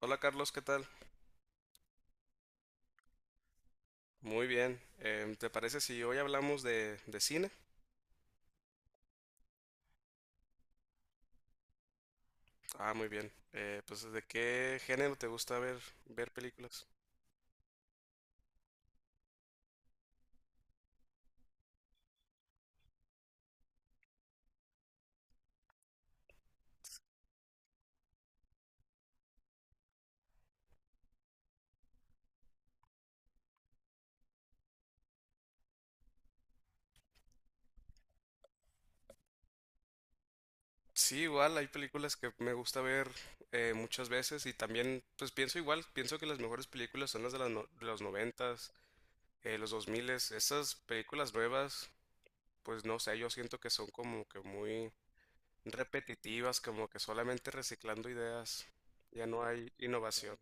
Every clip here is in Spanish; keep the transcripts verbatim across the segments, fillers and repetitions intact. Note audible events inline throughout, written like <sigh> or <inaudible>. Hola Carlos, ¿qué tal? Muy bien. Em, ¿te parece si hoy hablamos de, de cine? Ah, muy bien. Eh, pues ¿de qué género te gusta ver, ver películas? Sí, igual hay películas que me gusta ver eh, muchas veces y también pues pienso igual, pienso que las mejores películas son las de, las no- de los noventas, eh, los dos miles. Esas películas nuevas, pues no sé, yo siento que son como que muy repetitivas, como que solamente reciclando ideas, ya no hay innovación.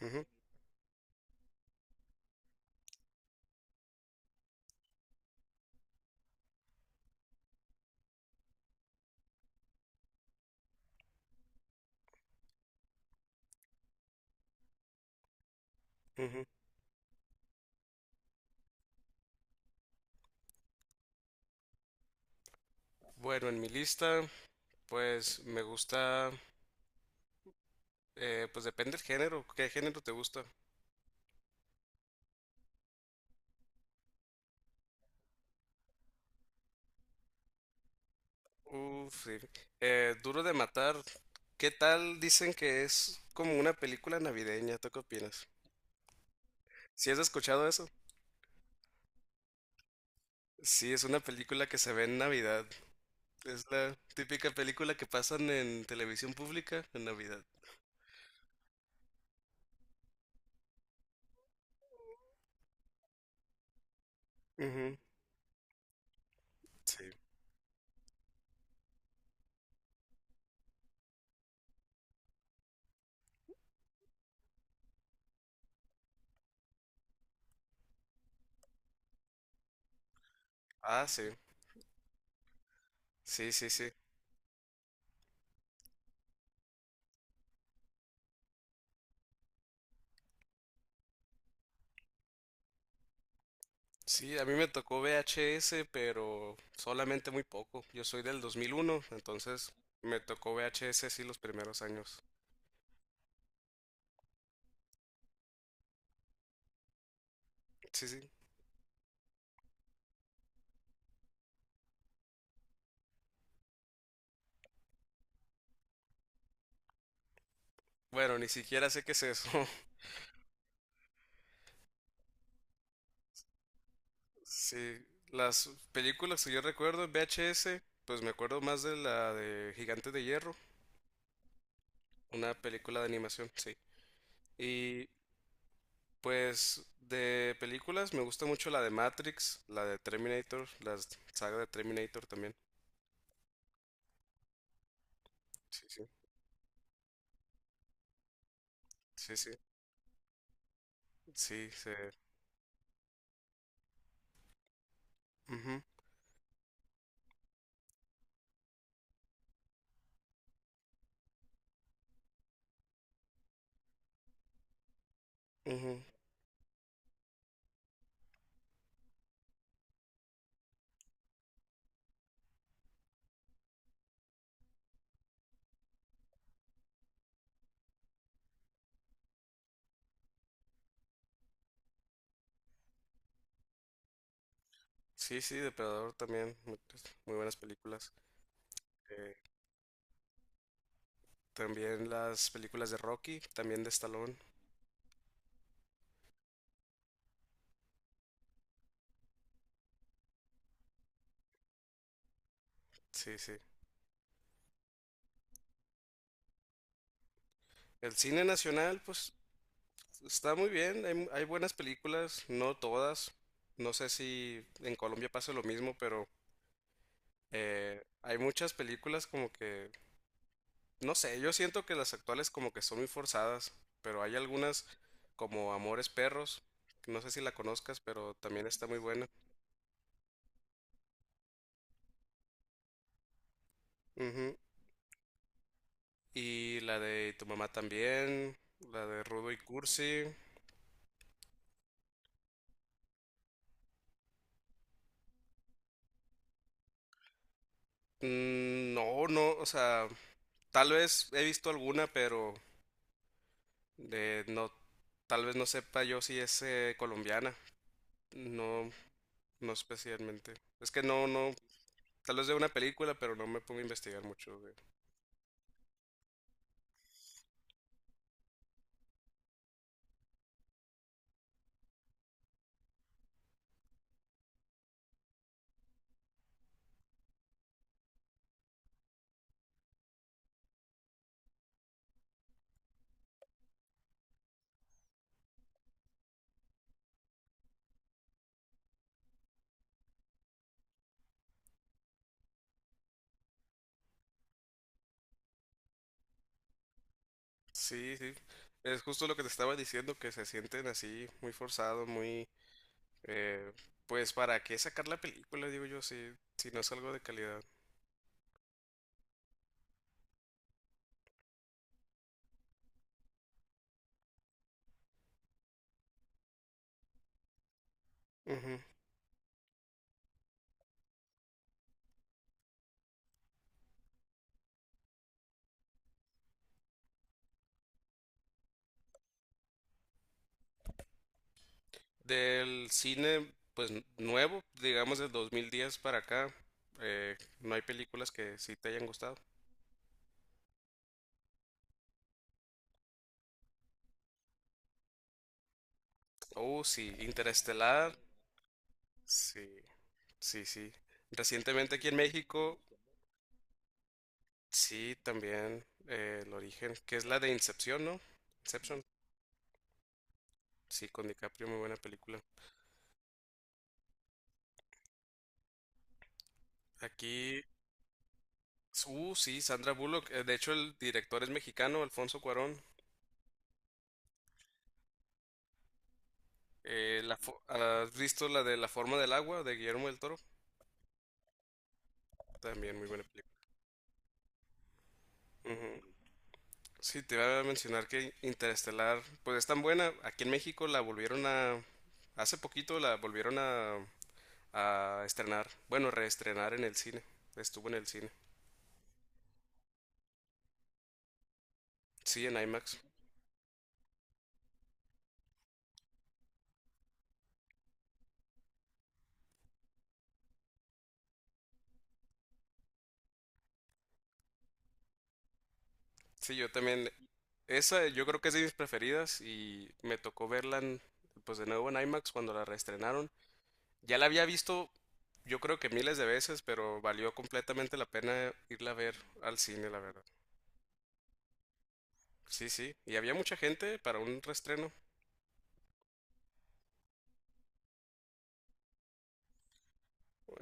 Ujú, ujú. Bueno, en mi lista. Pues me gusta, eh, pues depende del género. ¿Qué género te gusta? Uf, sí. Eh, Duro de Matar, ¿qué tal? Dicen que es como una película navideña, ¿tú qué opinas? ¿Si has escuchado eso? Sí, es una película que se ve en Navidad. Es la típica película que pasan en televisión pública en Navidad. Ujú. Sí. Ah, sí. Sí, sí, sí. Sí, a mí me tocó V H S, pero solamente muy poco. Yo soy del dos mil uno, entonces me tocó V H S sí los primeros años. Sí, sí. Bueno, ni siquiera sé qué es eso. <laughs> Sí, las películas que yo recuerdo en V H S, pues me acuerdo más de la de Gigantes de Hierro, una película de animación, sí. Y pues de películas me gusta mucho la de Matrix, la de Terminator, la saga de Terminator también. Sí, sí, sí, sí, sí, se- ujú, ujú. Sí, sí, Depredador también, muy, muy buenas películas. Eh, También las películas de Rocky, también de Stallone. Sí, sí. El cine nacional, pues está muy bien, hay, mu- hay buenas películas, no todas. No sé si en Colombia pasa lo mismo, pero eh, hay muchas películas como que, no sé, yo siento que las actuales como que son muy forzadas, pero hay algunas como Amores Perros, que no sé si la conozcas, pero también está muy buena. Y la de tu mamá también, la de Rudo y Cursi. Mm, no, no, o sea, tal vez he visto alguna, pero de no, tal vez no sepa yo si es eh, colombiana. No, no especialmente. Es que no, no, tal vez de una película, pero no me pongo a investigar mucho. de- Sí, sí. Es justo lo que te estaba diciendo, que se sienten así, muy forzado, muy... eh, pues, ¿para qué sacar la película? Digo yo, si, si no es algo de calidad. Ujú. Del cine, pues nuevo, digamos del dos mil diez para acá, eh, no hay películas que sí te hayan gustado. Oh, sí, Interestelar, sí, sí, sí. Recientemente aquí en México, sí, también eh, El Origen, que es la de Incepción, ¿no? Inception, sí, con DiCaprio, muy buena película. Aquí, uh, sí, Sandra Bullock, eh, de hecho el director es mexicano, Alfonso Cuarón. Eh, la fo- ¿has visto la de La forma del agua de Guillermo del Toro? También muy buena película. Ujú. Sí, te iba a mencionar que Interestelar, pues es tan buena. Aquí en México la volvieron a... Hace poquito la volvieron a, a estrenar. Bueno, reestrenar en el cine. Estuvo en el cine. Sí, en IMAX. Sí, yo también. Esa yo creo que es de mis preferidas y me tocó verla en- pues de nuevo en IMAX cuando la reestrenaron. Ya la había visto yo creo que miles de veces, pero valió completamente la pena irla a ver al cine, la verdad. Sí, sí. Y había mucha gente para un reestreno.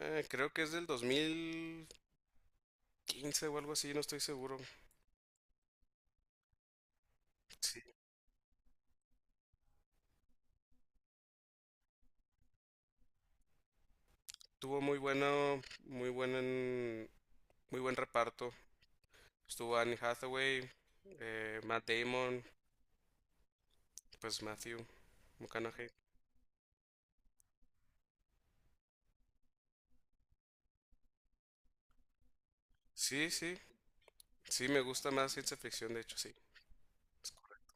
Eh, creo que es del dos mil quince o algo así, no estoy seguro. Sí. Tuvo muy bueno, muy buen, en- Muy buen reparto. Estuvo Anne Hathaway, eh, Matt Damon, pues Matthew McConaughey. Sí, sí, sí, me gusta más ciencia ficción, de hecho, sí. Es correcto.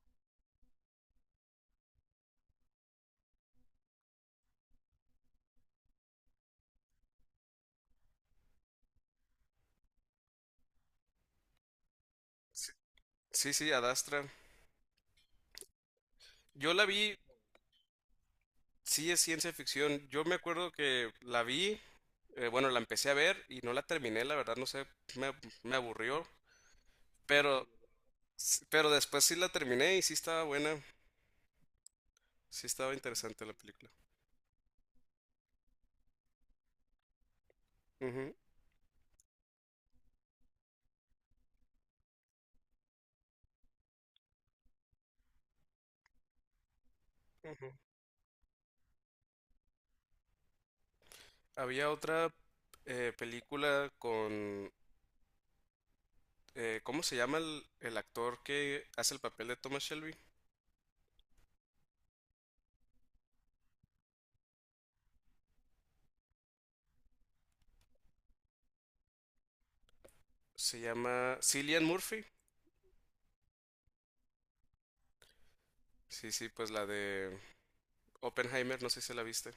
Sí, sí, sí, Ad Astra. Yo la vi, sí es ciencia ficción. Yo me acuerdo que la vi, eh, bueno, la empecé a ver y no la terminé, la verdad, no sé, me, me aburrió. Pero S- pero después sí la terminé y sí estaba buena. Sí estaba interesante la película. Ujú, ujú. Había otra eh, película con... eh, ¿Cómo se llama el, el actor que hace el papel de Thomas Shelby? Se llama Cillian Murphy. Sí, sí, pues la de Oppenheimer, no sé si la viste.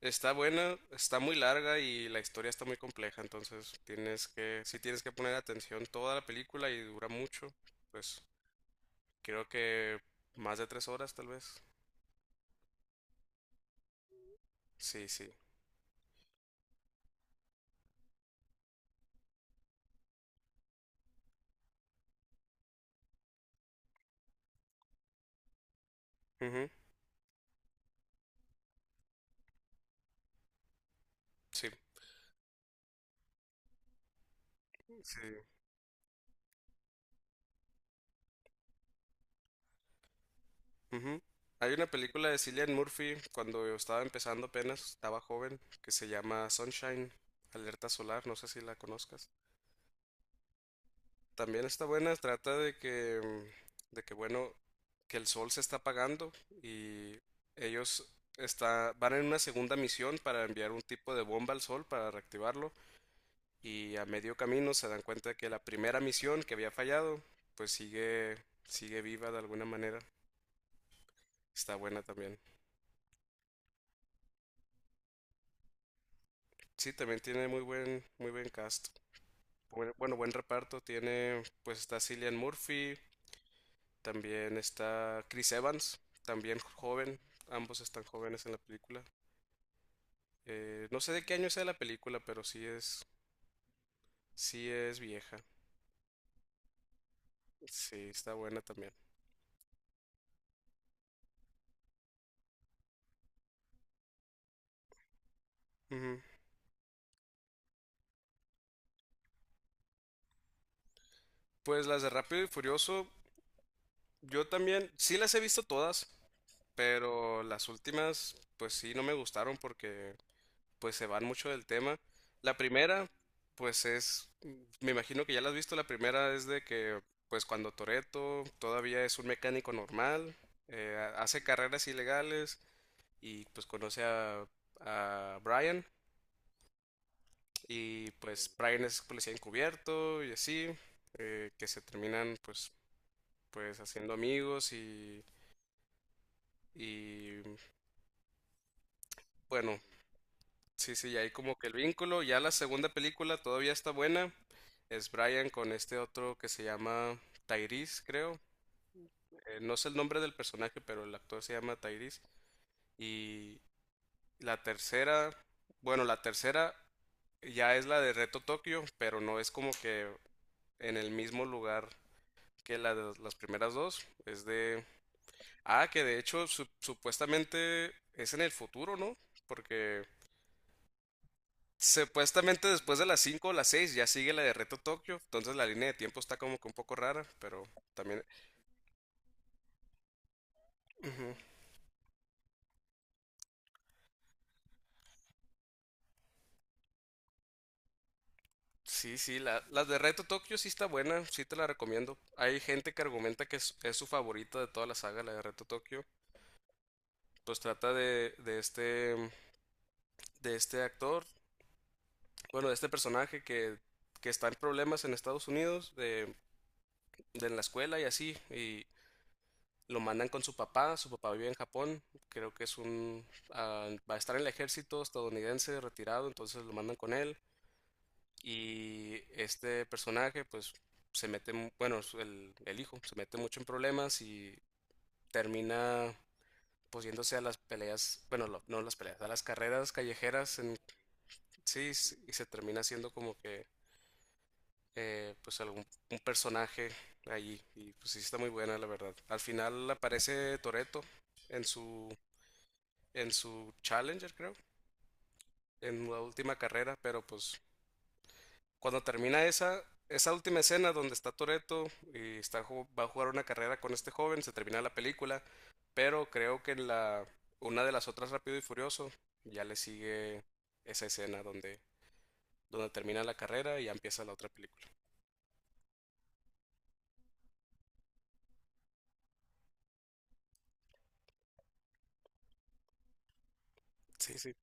Está buena, está muy larga y la historia está muy compleja, entonces tienes que, si tienes que poner atención toda la película y dura mucho, pues creo que más de tres horas tal vez. Sí, sí. Ujú. Sí. Sí. Ujú. Hay una película de Cillian Murphy cuando yo estaba empezando apenas, estaba joven, que se llama Sunshine, Alerta Solar, no sé si la conozcas. También está buena, trata de que, mm, de que bueno, que el sol se está apagando y ellos está, van en una segunda misión para enviar un tipo de bomba al sol para reactivarlo y a medio camino se dan cuenta de que la primera misión que había fallado, pues sigue, sigue viva de alguna manera. Está buena también. Sí, también tiene muy buen, muy buen cast. Bueno, bueno, buen reparto. Tiene, pues está Cillian Murphy, también está Chris Evans, también joven. Ambos están jóvenes en la película. Eh, no sé de qué año sea la película, pero sí es, sí es vieja. Sí, está buena también. Ujú. Pues las de Rápido y Furioso, yo también, sí las he visto todas, pero las últimas, pues sí, no me gustaron porque pues se van mucho del tema. La primera, pues es, me imagino que ya la has visto, la primera es de que, pues cuando Toretto todavía es un mecánico normal, eh, ha- hace carreras ilegales y pues conoce a, a Brian y pues Brian es policía encubierto y así, eh, que se terminan pues, pues haciendo amigos y, y bueno. Sí, sí, y ahí como que el vínculo. Ya la segunda película todavía está buena. Es Brian con este otro que se llama Tyrese, creo. Eh, no sé el nombre del personaje, pero el actor se llama Tyrese. Y la tercera, bueno, la tercera ya es la de Reto Tokio, pero no es como que en el mismo lugar que la de las primeras dos. Es de... Ah, que de hecho su- supuestamente es en el futuro, ¿no? Porque supuestamente después de las cinco o las seis ya sigue la de Reto Tokio, entonces la línea de tiempo está como que un poco rara, pero también... Ujú. Sí, sí, la, la de Reto Tokio sí está buena, sí te la recomiendo. Hay gente que argumenta que es, es su favorita de toda la saga, la de Reto Tokio. Pues trata de, de este, de este actor, bueno, de este personaje que, que está en problemas en Estados Unidos, de, de en la escuela y así, y, lo mandan con su papá, su papá vive en Japón, creo que es un... ah, va a estar en el ejército estadounidense retirado, entonces lo mandan con él. Y este personaje pues se mete, mu- bueno, su- el, el hijo se mete mucho en problemas y termina pues yéndose a las peleas, bueno, lo- no las peleas, a las carreras callejeras en sí s- y se termina siendo como que eh, pues algún un personaje allí y pues sí está muy buena la verdad. Al final aparece Toreto en su en su Challenger, creo, en la última carrera, pero pues cuando termina esa, esa última escena donde está Toreto y está, ju- va a jugar una carrera con este joven, se termina la película, pero creo que en la, una de las otras Rápido y Furioso ya le sigue esa escena donde, donde termina la carrera y ya empieza la otra película. Sí, sí,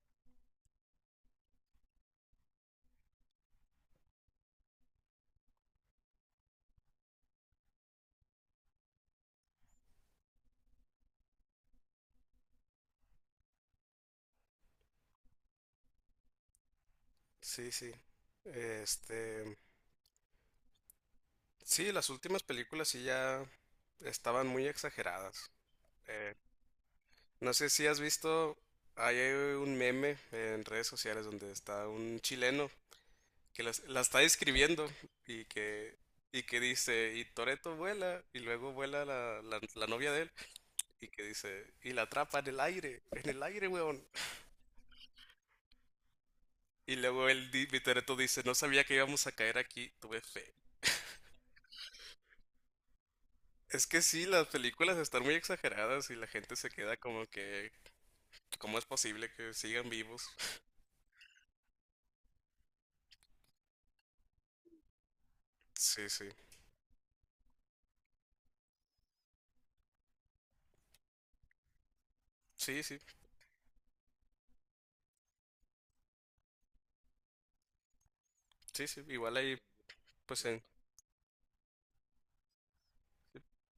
sí, sí. Este, sí, las últimas películas sí ya estaban muy exageradas. Eh, No sé si has visto, hay un meme en redes sociales donde está un chileno que las- la, está describiendo y que, y que dice, y Toreto vuela, y luego vuela la, la- la novia de él, y que dice, y la atrapa en el aire, en el aire, weón. Y luego el di- y Toretto dice, no sabía que íbamos a caer aquí, tuve fe. Es que sí, las películas están muy exageradas y la gente se queda como que, ¿cómo es posible que sigan vivos? Sí, sí, sí, sí, sí, sí, igual ahí, pues en...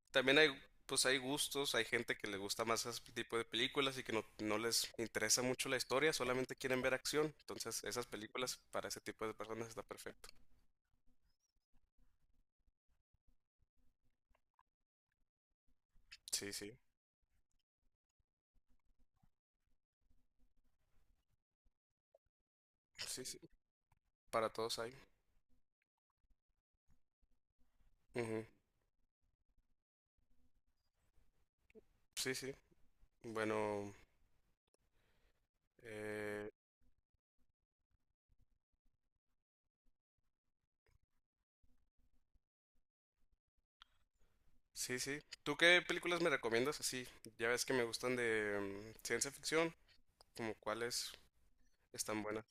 También hay, pues hay gustos, hay gente que le gusta más ese tipo de películas y que no, no les interesa mucho la historia, solamente quieren ver acción. Entonces, esas películas para ese tipo de personas está perfecto. Sí, sí, sí, sí, para todos hay. Ujú. Sí, sí. Bueno, eh, sí, sí. ¿Tú qué películas me recomiendas? Así, ya ves que me gustan de mm, ciencia ficción, como cuáles están buenas.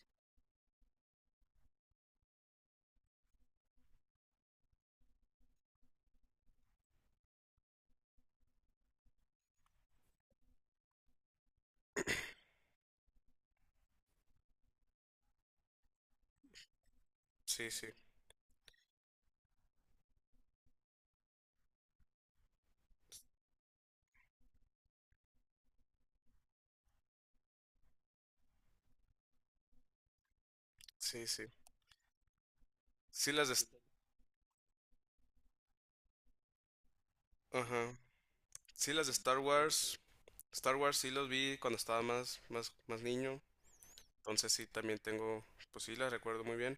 Sí, sí, sí, sí. Sí, las de... S- Ajá. Sí, las de Star Wars. Star Wars sí los vi cuando estaba más, más, más niño, entonces sí también tengo, pues sí las recuerdo muy bien.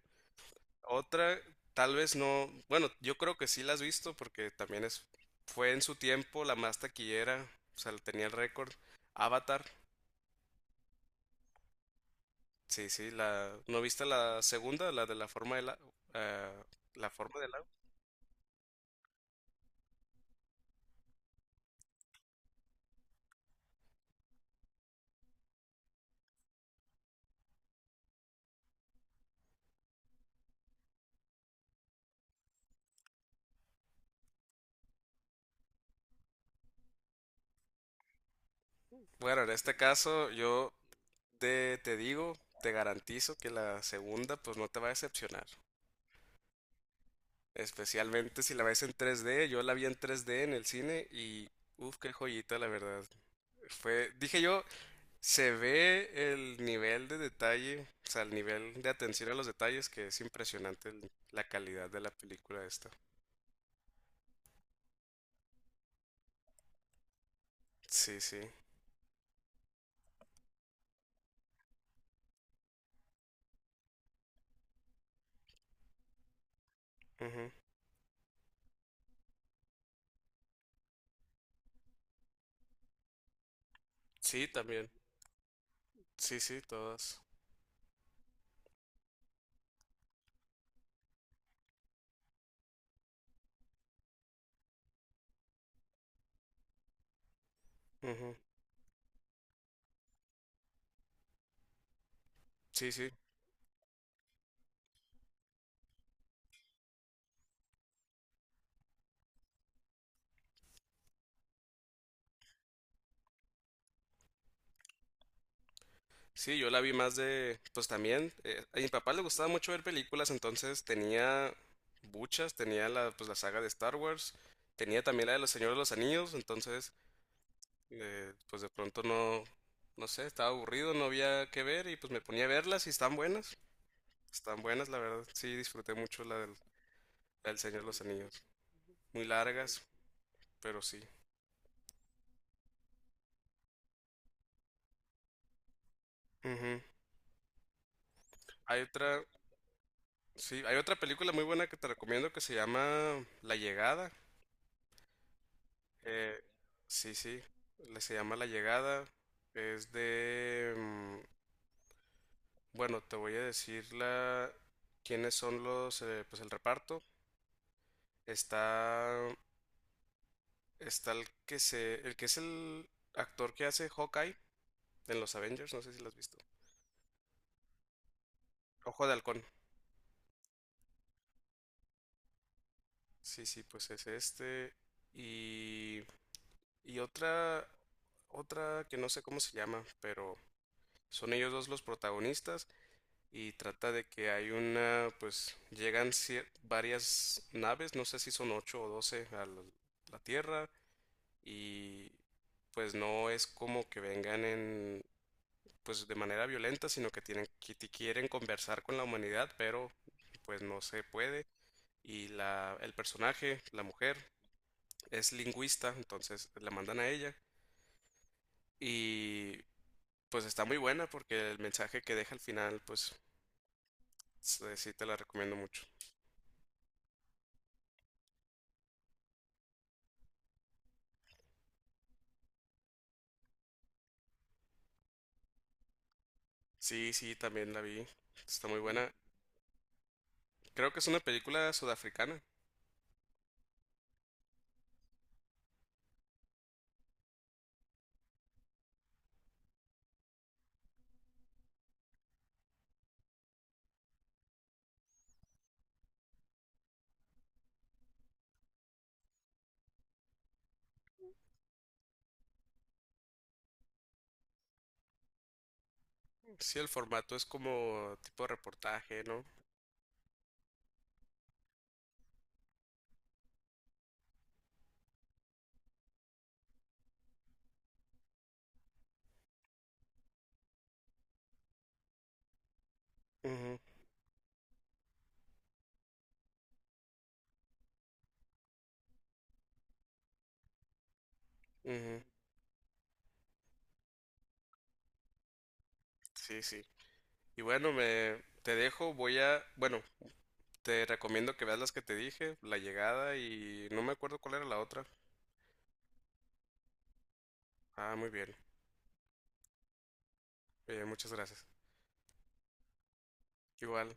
Otra, tal vez no, bueno, yo creo que sí las has visto porque también es, fue en su tiempo la más taquillera, o sea, tenía el récord. Avatar, sí, sí, la, ¿no viste la segunda, la de la forma del, a- eh, la forma del agua? Bueno, en este caso yo te, te digo, te garantizo que la segunda pues no te va a decepcionar. Especialmente si la ves en tres D, yo la vi en tres D en el cine y uff, qué joyita la verdad. Fue, dije yo, se ve el nivel de detalle, o sea, el nivel de atención a los detalles que es impresionante el- la calidad de la película esta. Sí, sí. Ujú. Sí, también. Sí, sí, todas. Ujú. Sí, sí. Sí, yo la vi más de, pues también, eh, a mi papá le gustaba mucho ver películas, entonces tenía muchas, tenía la, pues la saga de Star Wars, tenía también la de Los Señores de los Anillos, entonces, eh, pues de pronto no, no sé, estaba aburrido, no había que ver y pues me ponía a verlas y están buenas, están buenas, la verdad, sí, disfruté mucho la del, la del Señor de los Anillos, muy largas, pero sí. Ujú. Hay otra, sí, hay otra película muy buena que te recomiendo que se llama La Llegada. Eh, sí, sí, le- se llama La Llegada. Es de... mm, bueno, te voy a decir la... quiénes son los... eh, pues el reparto. Está... Está el que se... El que es el actor que hace Hawkeye en los Avengers, no sé si lo has visto. Ojo de Halcón. Sí, sí, pues es este. Y... Y otra... Otra que no sé cómo se llama, pero son ellos dos los protagonistas. Y trata de que hay una, pues llegan cier- varias naves, no sé si son ocho o doce a la, la Tierra y pues no es como que vengan en, pues de manera violenta, sino que tienen, que ti- quieren conversar con la humanidad, pero pues no se puede. Y la, el personaje, la mujer, es lingüista, entonces la mandan a ella y pues está muy buena porque el mensaje que deja al final, pues sí te la recomiendo mucho. Sí, sí, también la vi. Está muy buena. Creo que es una película sudafricana. Sí, el formato es como tipo de reportaje, ¿no? Ujú, ujú. Sí, sí. Y bueno, me te dejo, voy a, bueno, te recomiendo que veas las que te dije, La Llegada y no me acuerdo cuál era la otra. Ah, muy bien. Eh, muchas gracias. Igual.